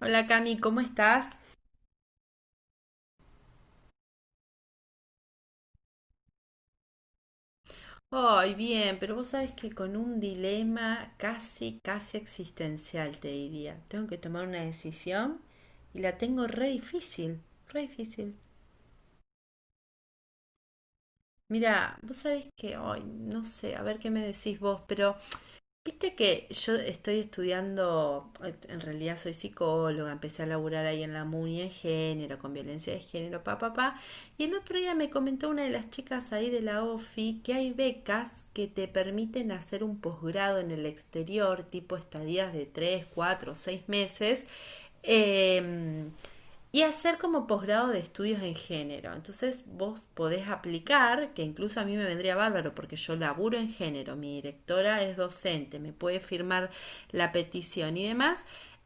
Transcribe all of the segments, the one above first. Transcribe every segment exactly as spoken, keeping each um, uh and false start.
Hola Cami, ¿cómo estás? Ay, bien, pero vos sabés que con un dilema casi, casi existencial, te diría. Tengo que tomar una decisión y la tengo re difícil, re difícil. Mira, vos sabés que, ay, no sé, a ver qué me decís vos, pero viste que yo estoy estudiando, en realidad soy psicóloga, empecé a laburar ahí en la MUNI en género, con violencia de género, pa, pa, pa. Y el otro día me comentó una de las chicas ahí de la OFI que hay becas que te permiten hacer un posgrado en el exterior, tipo estadías de tres cuatro seis meses, em, y hacer como posgrado de estudios en género. Entonces vos podés aplicar, que incluso a mí me vendría bárbaro porque yo laburo en género, mi directora es docente, me puede firmar la petición y demás.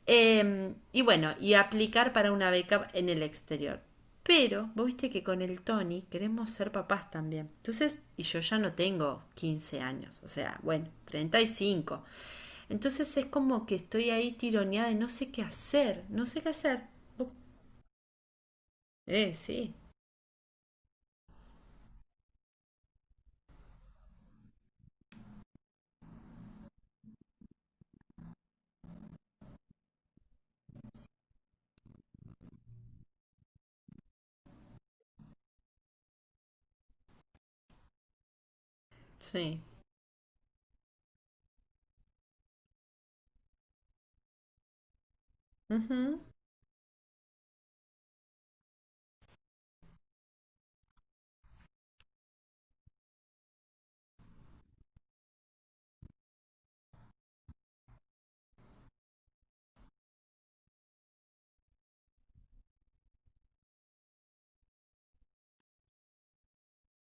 Eh, y bueno, y aplicar para una beca en el exterior. Pero vos viste que con el Tony queremos ser papás también. Entonces, y yo ya no tengo quince años, o sea, bueno, treinta y cinco. Entonces es como que estoy ahí tironeada y no sé qué hacer, no sé qué hacer. ¿Vos eh, sí, sí. Ujú,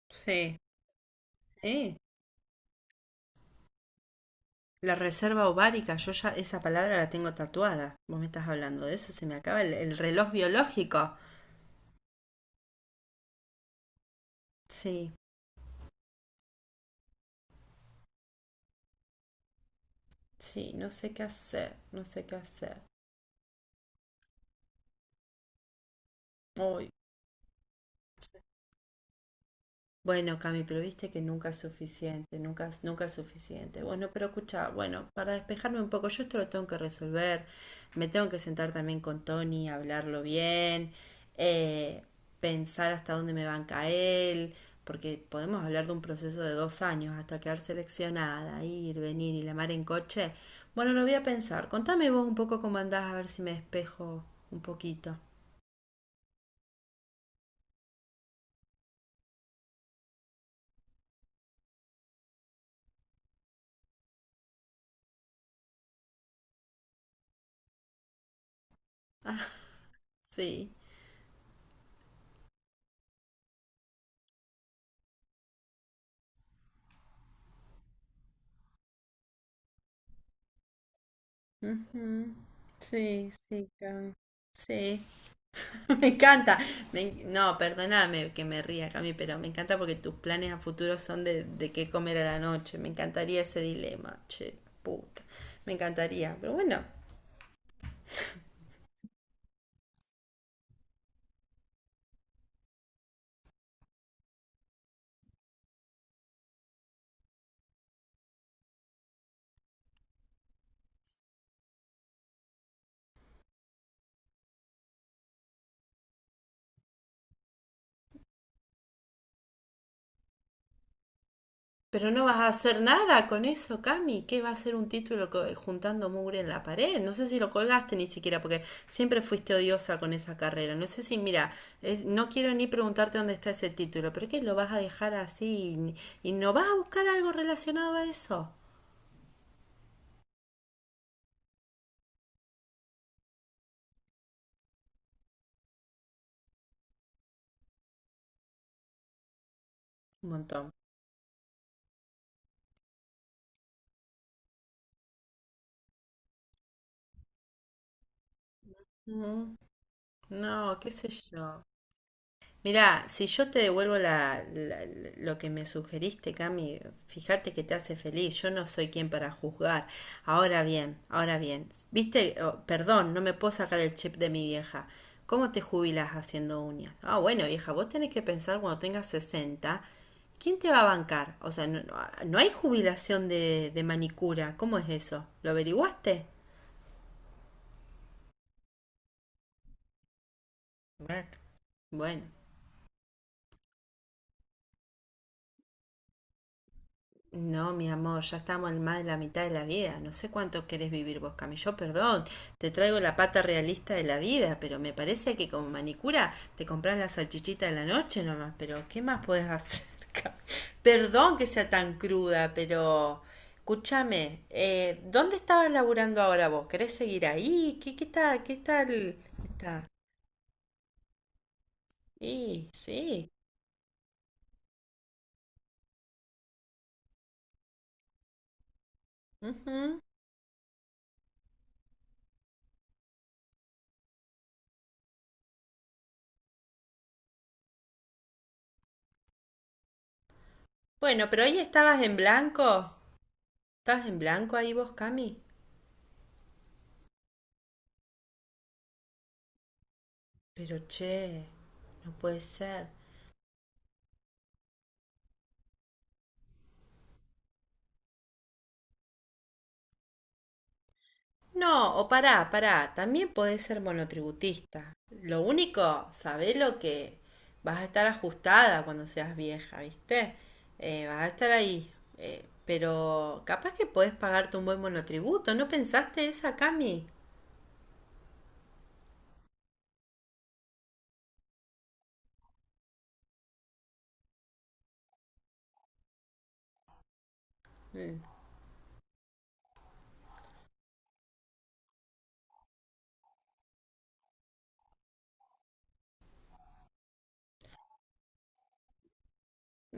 sí, sí. La reserva ovárica, yo ya esa palabra la tengo tatuada. Vos me estás hablando de eso, se me acaba el, el reloj biológico. Sí, sí, no sé qué hacer, no sé qué hacer. Ay, bueno, Cami, pero viste que nunca es suficiente, nunca es, nunca es suficiente. Bueno, pero escucha, bueno, para despejarme un poco, yo esto lo tengo que resolver, me tengo que sentar también con Tony, hablarlo bien, eh, pensar hasta dónde me banca él, porque podemos hablar de un proceso de dos años hasta quedar seleccionada, ir, venir y la mar en coche. Bueno, lo voy a pensar. Contame vos un poco cómo andás, a ver si me despejo un poquito. Sí. Ujú. Sí, sí, Cami. Sí. Me encanta. Me- no, perdóname que me ría, Cami, pero me encanta porque tus planes a futuro son de, de qué comer a la noche. Me encantaría ese dilema, che, puta. Me encantaría, pero bueno. Pero no vas a hacer nada con eso, Cami. ¿Qué va a ser un título co- juntando mugre en la pared? No sé si lo colgaste ni siquiera, porque siempre fuiste odiosa con esa carrera. No sé si, mira, es- no quiero ni preguntarte dónde está ese título, pero ¿qué lo vas a dejar así y, y no vas a buscar algo relacionado a eso? Un montón. Ujú. No, qué sé yo. Mirá, si yo te devuelvo la, la- la- lo que me sugeriste, Cami, fíjate que te hace feliz. Yo no soy quien para juzgar. Ahora bien, ahora bien. Viste, oh, perdón, no me puedo sacar el chip de mi vieja. ¿Cómo te jubilas haciendo uñas? Ah, bueno, vieja, vos tenés que pensar cuando tengas sesenta. ¿Quién te va a bancar? O sea, no, no- no hay jubilación de, de manicura. ¿Cómo es eso? ¿Lo averiguaste? Bueno, bueno. No, mi amor, ya estamos en más de la mitad de la vida. No sé cuánto querés vivir vos, Cami. Yo, perdón, te traigo la pata realista de la vida, pero me parece que con manicura te compras la salchichita de la noche nomás. Pero, ¿qué más podés hacer, Cami? Perdón que sea tan cruda, pero... Escúchame, eh, ¿dónde estabas laburando ahora vos? ¿Querés seguir ahí? ¿Qué, qué tal? ¿Qué tal? Está. Sí, sí. Ujú. Bueno, pero hoy estabas en blanco. ¿Estabas en blanco ahí vos, Cami? Pero che, no puede ser. No, o pará, pará, también podés ser monotributista. Lo único, sabés lo que vas a estar ajustada cuando seas vieja, ¿viste? Eh, vas a estar ahí. Eh, pero capaz que podés pagarte un buen monotributo, ¿no pensaste esa, Cami? Mm.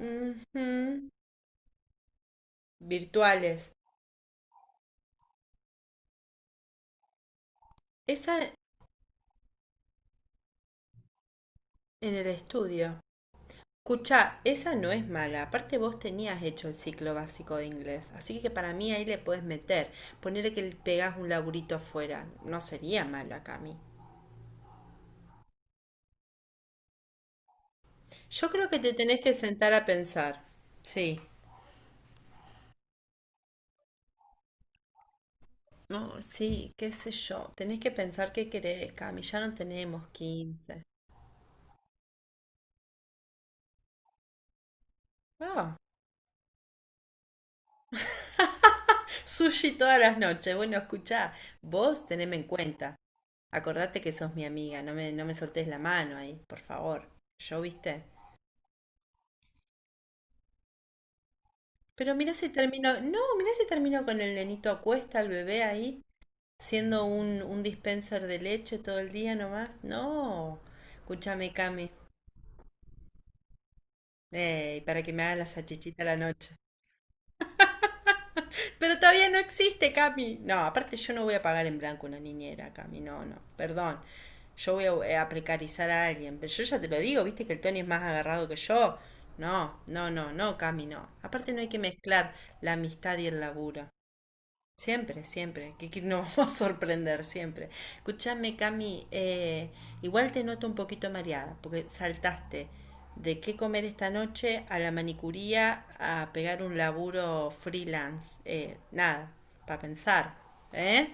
Ujú. Virtuales. Esa en el estudio. Escucha, esa no es mala. Aparte vos tenías hecho el ciclo básico de inglés, así que para mí ahí le puedes meter. Ponerle que le pegás un laburito afuera. No sería mala, Cami. Yo creo que te tenés que sentar a pensar. Sí. No, sí, qué sé yo. Tenés que pensar qué querés, Cami. Ya no tenemos quince. Ah, sushi todas las noches. Bueno, escuchá, vos teneme en cuenta. Acordate que sos mi amiga. No me, no me soltés la mano ahí, por favor. Yo, viste. Pero mirá si terminó, no, mirá si terminó con el nenito a cuesta, el bebé ahí, siendo un, un dispenser de leche todo el día nomás. No, escúchame, Cami, ey, para que me haga la salchichita a la noche. Pero todavía no existe, Cami. No, aparte yo no voy a pagar en blanco una niñera, Cami, no, no, perdón. Yo voy a, eh, a precarizar a alguien, pero yo ya te lo digo, viste que el Tony es más agarrado que yo. No, no, no, no, Cami, no. Aparte no hay que mezclar la amistad y el laburo. Siempre, siempre, que, que nos vamos a sorprender siempre. Escúchame, Cami, eh, igual te noto un poquito mareada, porque saltaste de qué comer esta noche a la manicuría a pegar un laburo freelance. Eh, nada, para pensar, ¿eh?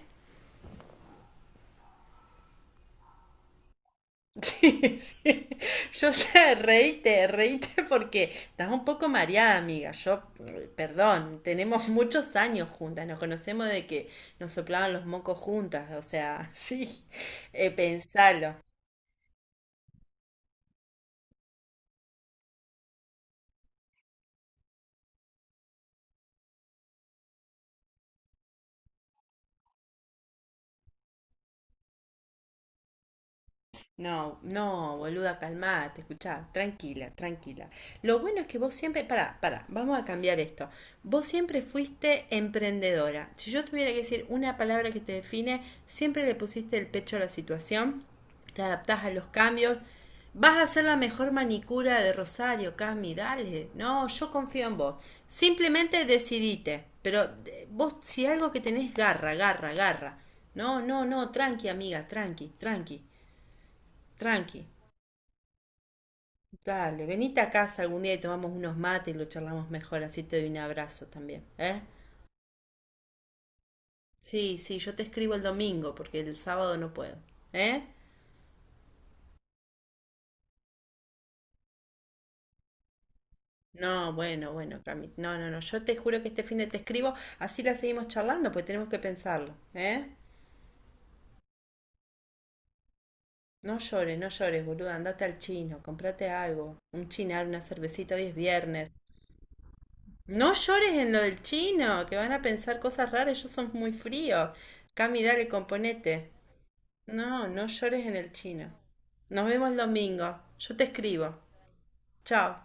Sí, sí. Yo sé, reíte, reíte porque estás un poco mareada, amiga. Yo, eh, perdón, tenemos muchos años juntas, nos conocemos de que nos soplaban los mocos juntas, o sea, sí, eh, pensalo. No, no, boluda, calmate, escuchá, tranquila, tranquila. Lo bueno es que vos siempre, pará, pará, vamos a cambiar esto. Vos siempre fuiste emprendedora. Si yo tuviera que decir una palabra que te define, siempre le pusiste el pecho a la situación, te adaptás a los cambios. Vas a ser la mejor manicura de Rosario, Cami, dale. No, yo confío en vos. Simplemente decidite. Pero eh, vos, si algo que tenés, garra, garra, garra. No, no, no, tranqui, amiga, tranqui, tranqui. Tranqui. Dale, venite a casa algún día y tomamos unos mates y lo charlamos mejor, así te doy un abrazo también, ¿eh? Sí, sí, yo te escribo el domingo porque el sábado no puedo, ¿eh? No, bueno, bueno, Cami, no, no, no, yo te juro que este fin de te escribo, así la seguimos charlando, pues tenemos que pensarlo, ¿eh? No llores, no llores, boluda, andate al chino, comprate algo, un chinar, una cervecita, hoy es viernes. No llores en lo del chino, que van a pensar cosas raras, ellos son muy fríos. Cami, dale, componete. No, no llores en el chino. Nos vemos el domingo. Yo te escribo. Chao.